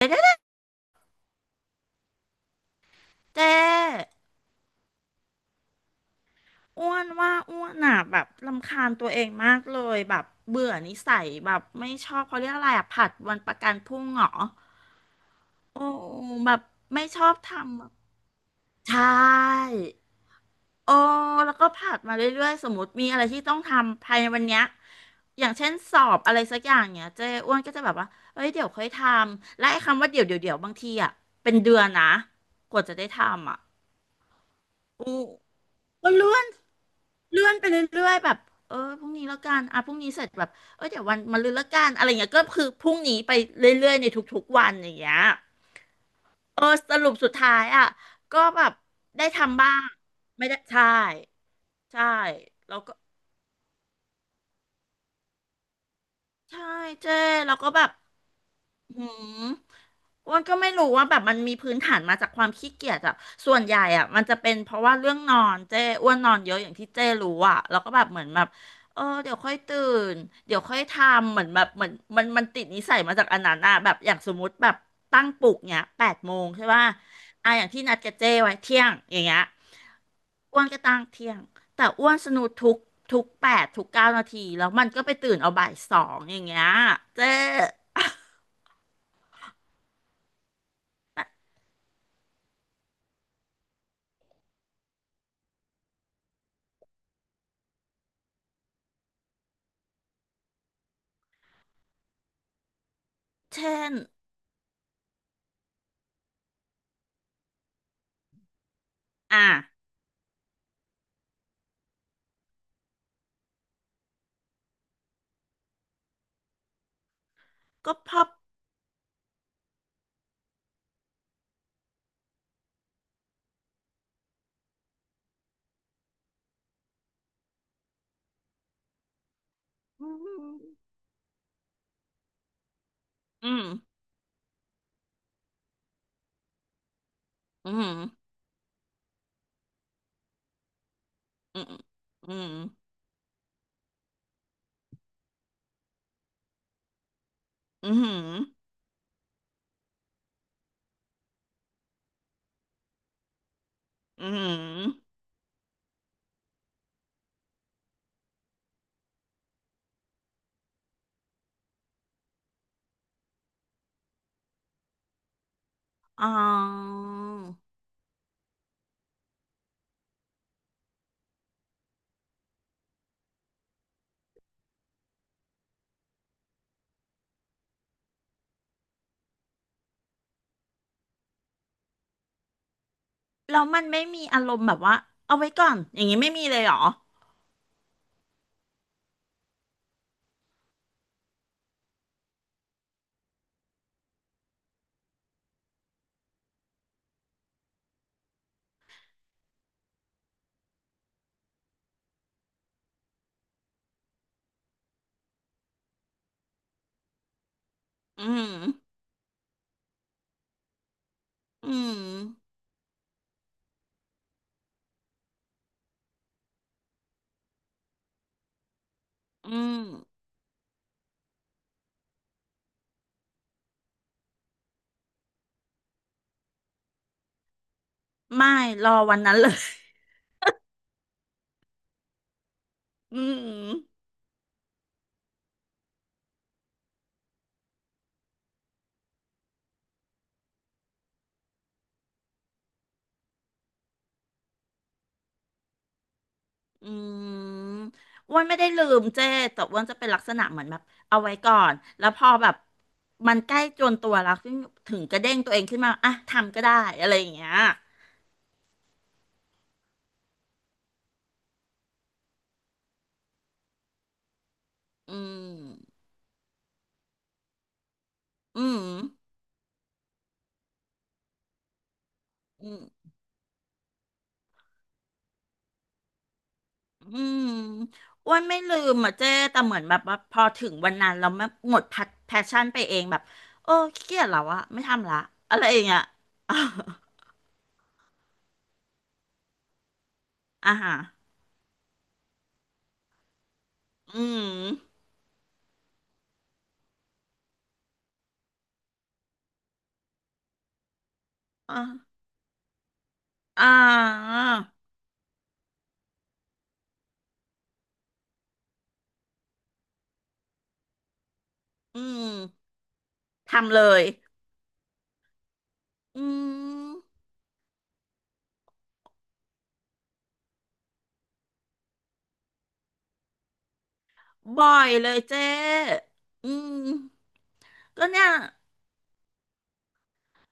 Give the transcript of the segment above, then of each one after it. เจ๊อ้วนว่าอ้วนอ่ะแบบรำคาญตัวเองมากเลยแบบเบื่อนิสัยแบบไม่ชอบเขาเรียกอะไรอ่ะผัดวันประกันพรุ่งเหรอโอ้แบบไม่ชอบทำใช่โอ้แล้วก็ผัดมาเรื่อยๆสมมติมีอะไรที่ต้องทำภายในวันเนี้ยอย่างเช่นสอบอะไรสักอย่างเนี้ยเจ๊อ้วนก็จะแบบว่าเอ้ยเดี๋ยวค่อยทำและไอ้คำว่าเดี๋ยวเดี๋ยวเดี๋ยวบางทีอ่ะเป็นเดือนนะกว่าจะได้ทำอ่ะอู้ ก็เลื่อนเลื่อนไปเรื่อยๆแบบเออพรุ่งนี้แล้วกันอ่ะพรุ่งนี้เสร็จแบบเออเดี๋ยววันมะรืนแล้วกันอะไรเงี้ยก็คือพรุ่งนี้ไปเรื่อยๆในทุกๆวันอย่างเงี้ยเออสรุปสุดท้ายอ่ะก็แบบได้ทำบ้างไม่ได้ใช่ใช่แล้วก็ใช่เจ้แล้วก็แบบ อืมอ้วนก็ไม่รู้ว่าแบบมันมีพื้นฐานมาจากความขี้เกียจอะส่วนใหญ่อะมันจะเป็นเพราะว่าเรื่องนอนเจ้อ้วนนอนเยอะอย่างที่เจ้รู้อะแล้วก็แบบเหมือนแบบเออเดี๋ยวค่อยตื่นเดี๋ยวค่อยทำเหมือนแบบเหมือนมันติดนิสัยมาจากอันนั้นอะแบบอย่างสมมติแบบตั้งปลุกเนี้ยแปดโมงใช่ป่ะอ่ะอย่างที่นัดกับเจ้ไว้เที่ยงอย่างเงี้ยอ้วนก็ตั้งเที่ยงแต่อ้วนสนุกทุกแปดทุกเก้านาทีแล้วมันก็ไปตื่นเอาบ่ายสองอย่างเงี้ยเจ เช่นอ่ะ ก็พออืมอืมอืมอืมอืมอืมอืมอ๋อแล้วมันไม่มีอารมณ์แบบว่าเอาไว้ก่อนอย่างนี้ไม่มีเลยเหรออืมอืมอืมไม่ รอวันนั้นเลยอืม อืมอ้วนไม่ได้ลืมเจ้แต่อ้วนจะเป็นลักษณะเหมือนแบบเอาไว้ก่อนแล้วพอแบบมันใกล้จวนตัวแล้วถึงกระเด้งตัวเองขึ้นมาอ่ะทำก็ได้อะไรอย่างเงี้ยอืมอืมอืมอืมอ้วนไม่ลืมอ่ะเจ้แต่เหมือนแบบว่าพอถึงวันนั้นเราไม่หมดแพชชั่นไปเองแบบโอ้ขี้เกียจแล้วอะไม่ทำละอะไรอย่างเงี้ย อ่าฮะอืมอ่าอ่าอืมทำเลย อืมบ่อยเลยเจ๊อืมก็เนี่ย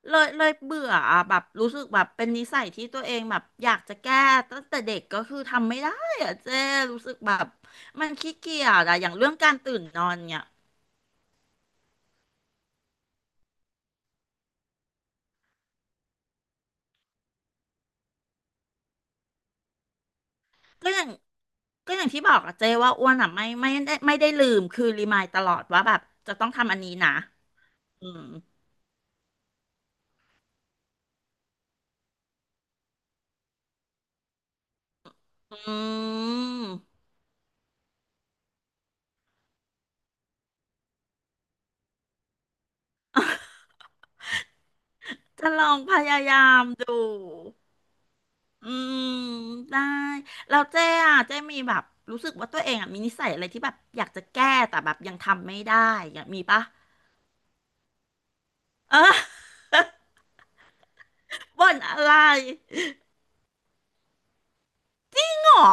เลยเบื่ออะแบบรู้สึกแบบเป็นนิสัยที่ตัวเองแบบอยากจะแก้ตั้งแต่เด็กก็คือทำไม่ได้อะเจ๊รู้สึกแบบมันขี้เกียจอะอย่างเรื่องการตื่นนอนเนี่ยก็อย่างก็อย่างที่บอกอะเจ๊ว่าอ้วนอะไม่ได้ลืมคือรีมายตลอดว่าแบบจะต้องทำอันนี้นะอืมอืมจะลองพยายามดู อืมได้แล้วเจ๊อะเจ๊มีแบบรู้สึกว่าตัวเองอะมีนิสัยอะไรที่แบบอยากจะแก้แต่แบบยังทำไม่ได้อยากมีปะเออ บ่นอะไรหรอ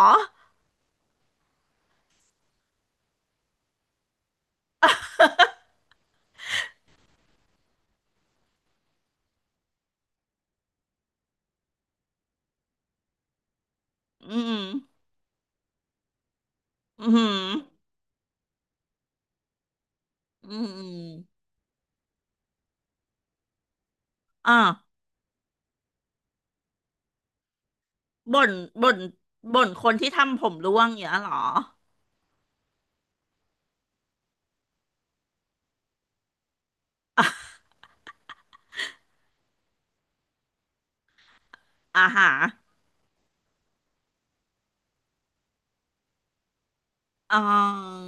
อืมอืมอืมอมอ่าบ่นบ่นบ่นคนที่ทำผมร่วงอย่างเงี้ยหรออ่าฮะอ๋อ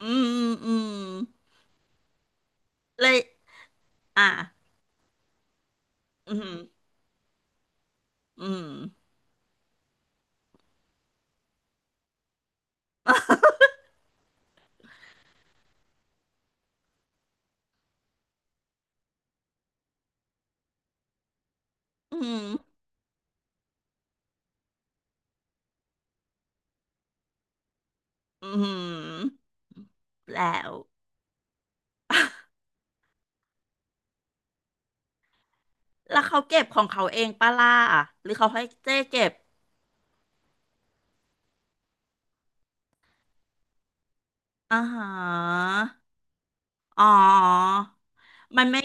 อืมอืมเลยอ่าอืมอืมอืมอืมแล้ว แล้วเขาเก็บของเขาเองปะล่ะหรือเขาให้เจ้เก็บอ่าฮะอ๋อมันไม่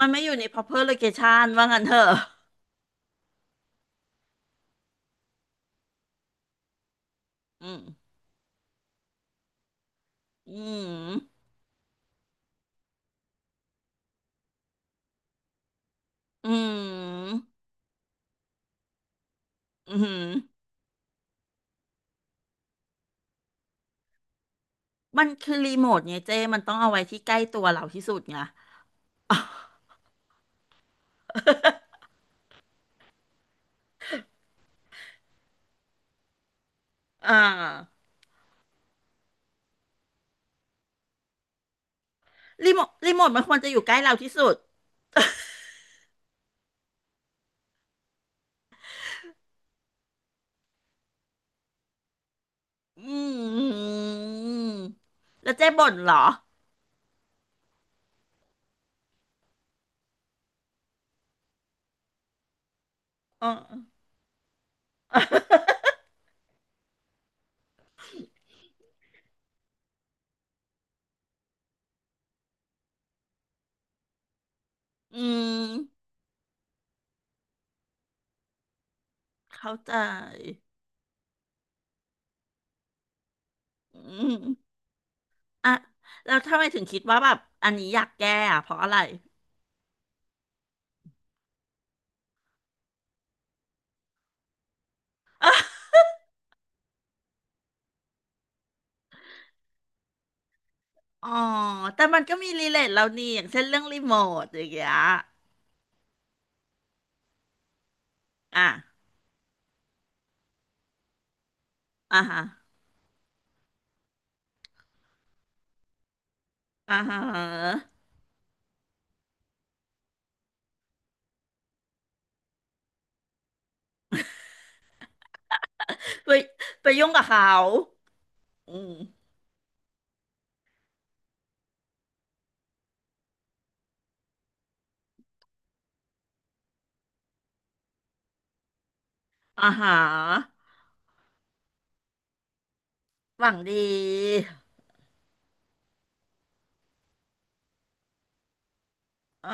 มันไม่อยู่ใน proper location ว่างั้นเถอะอืมอืมอืมอืมมันคือรีโมทไงเจ้มันต้องเอาไว้ที่ใกล้ตัวเราที่สุดไง อ่ารีโมทมันควรจะอยู่ใกล้เราที่สุดอืมแล้วเจ๊บ่นเหรออ๋ออืมเข้าใจอืม อ่ะแล้วทำไมถึงคิดว่าแบบอันนี้อยากแก้อะเพราะอะไรอ๋อแต่มันก็มีรีเลทเรานี่อย่างเช่นเรื่องรีโมทอย่างเงี้ยอ่ะอ่าฮะอ่าฮะไปไปยุ่งกับเขาอืมอ่าฮะหวังดีอ่า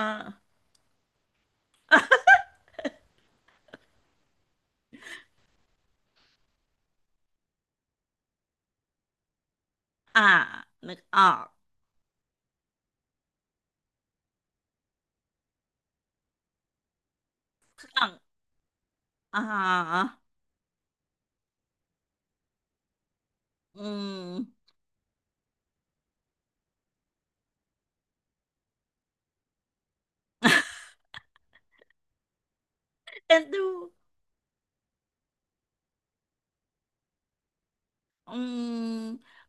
อ่านึกออกหวังอ่าฮะอืมเอ็นดู อืม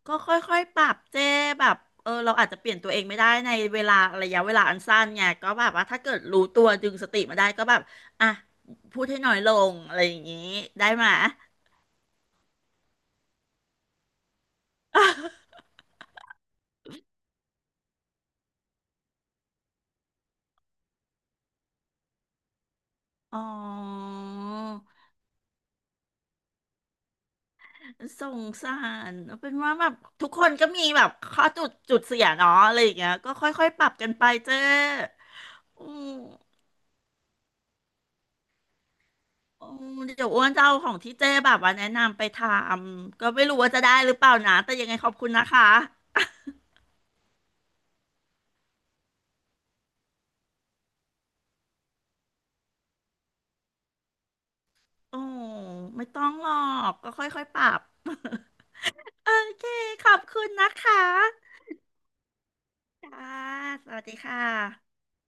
ก็ค่อยๆปรับเจ้แบบเออเราอาจจะเปลี่ยนตัวเองไม่ได้ในเวลาระยะเวลาอันสั้นไงก็แบบว่าถ้าเกิดรู้ตัวดึงสติมาได้ก็แบบอ่ะพูดให้น้อยลงอะไรอย่างนี้ได้ไหมอ๋อสงสารเป็นว่าแบบทุกคนก็มีแบบข้อจุดเสียเนาะอะไรอย่างเงี้ยก็ค่อยๆปรับกันไปเจ้อืมอืมเดี๋ยวอ้วนจะเอาของที่เจ๊แบบว่าแนะนำไปทำก็ไม่รู้ว่าจะได้หรือเปล่านะแต่ยังไงขอบคุณนะคะ โอ้ไม่ต้องหรอกก็ค่อยๆปรับ โอเคขอบคุณนะคะจ้าสวัสดีค่ะ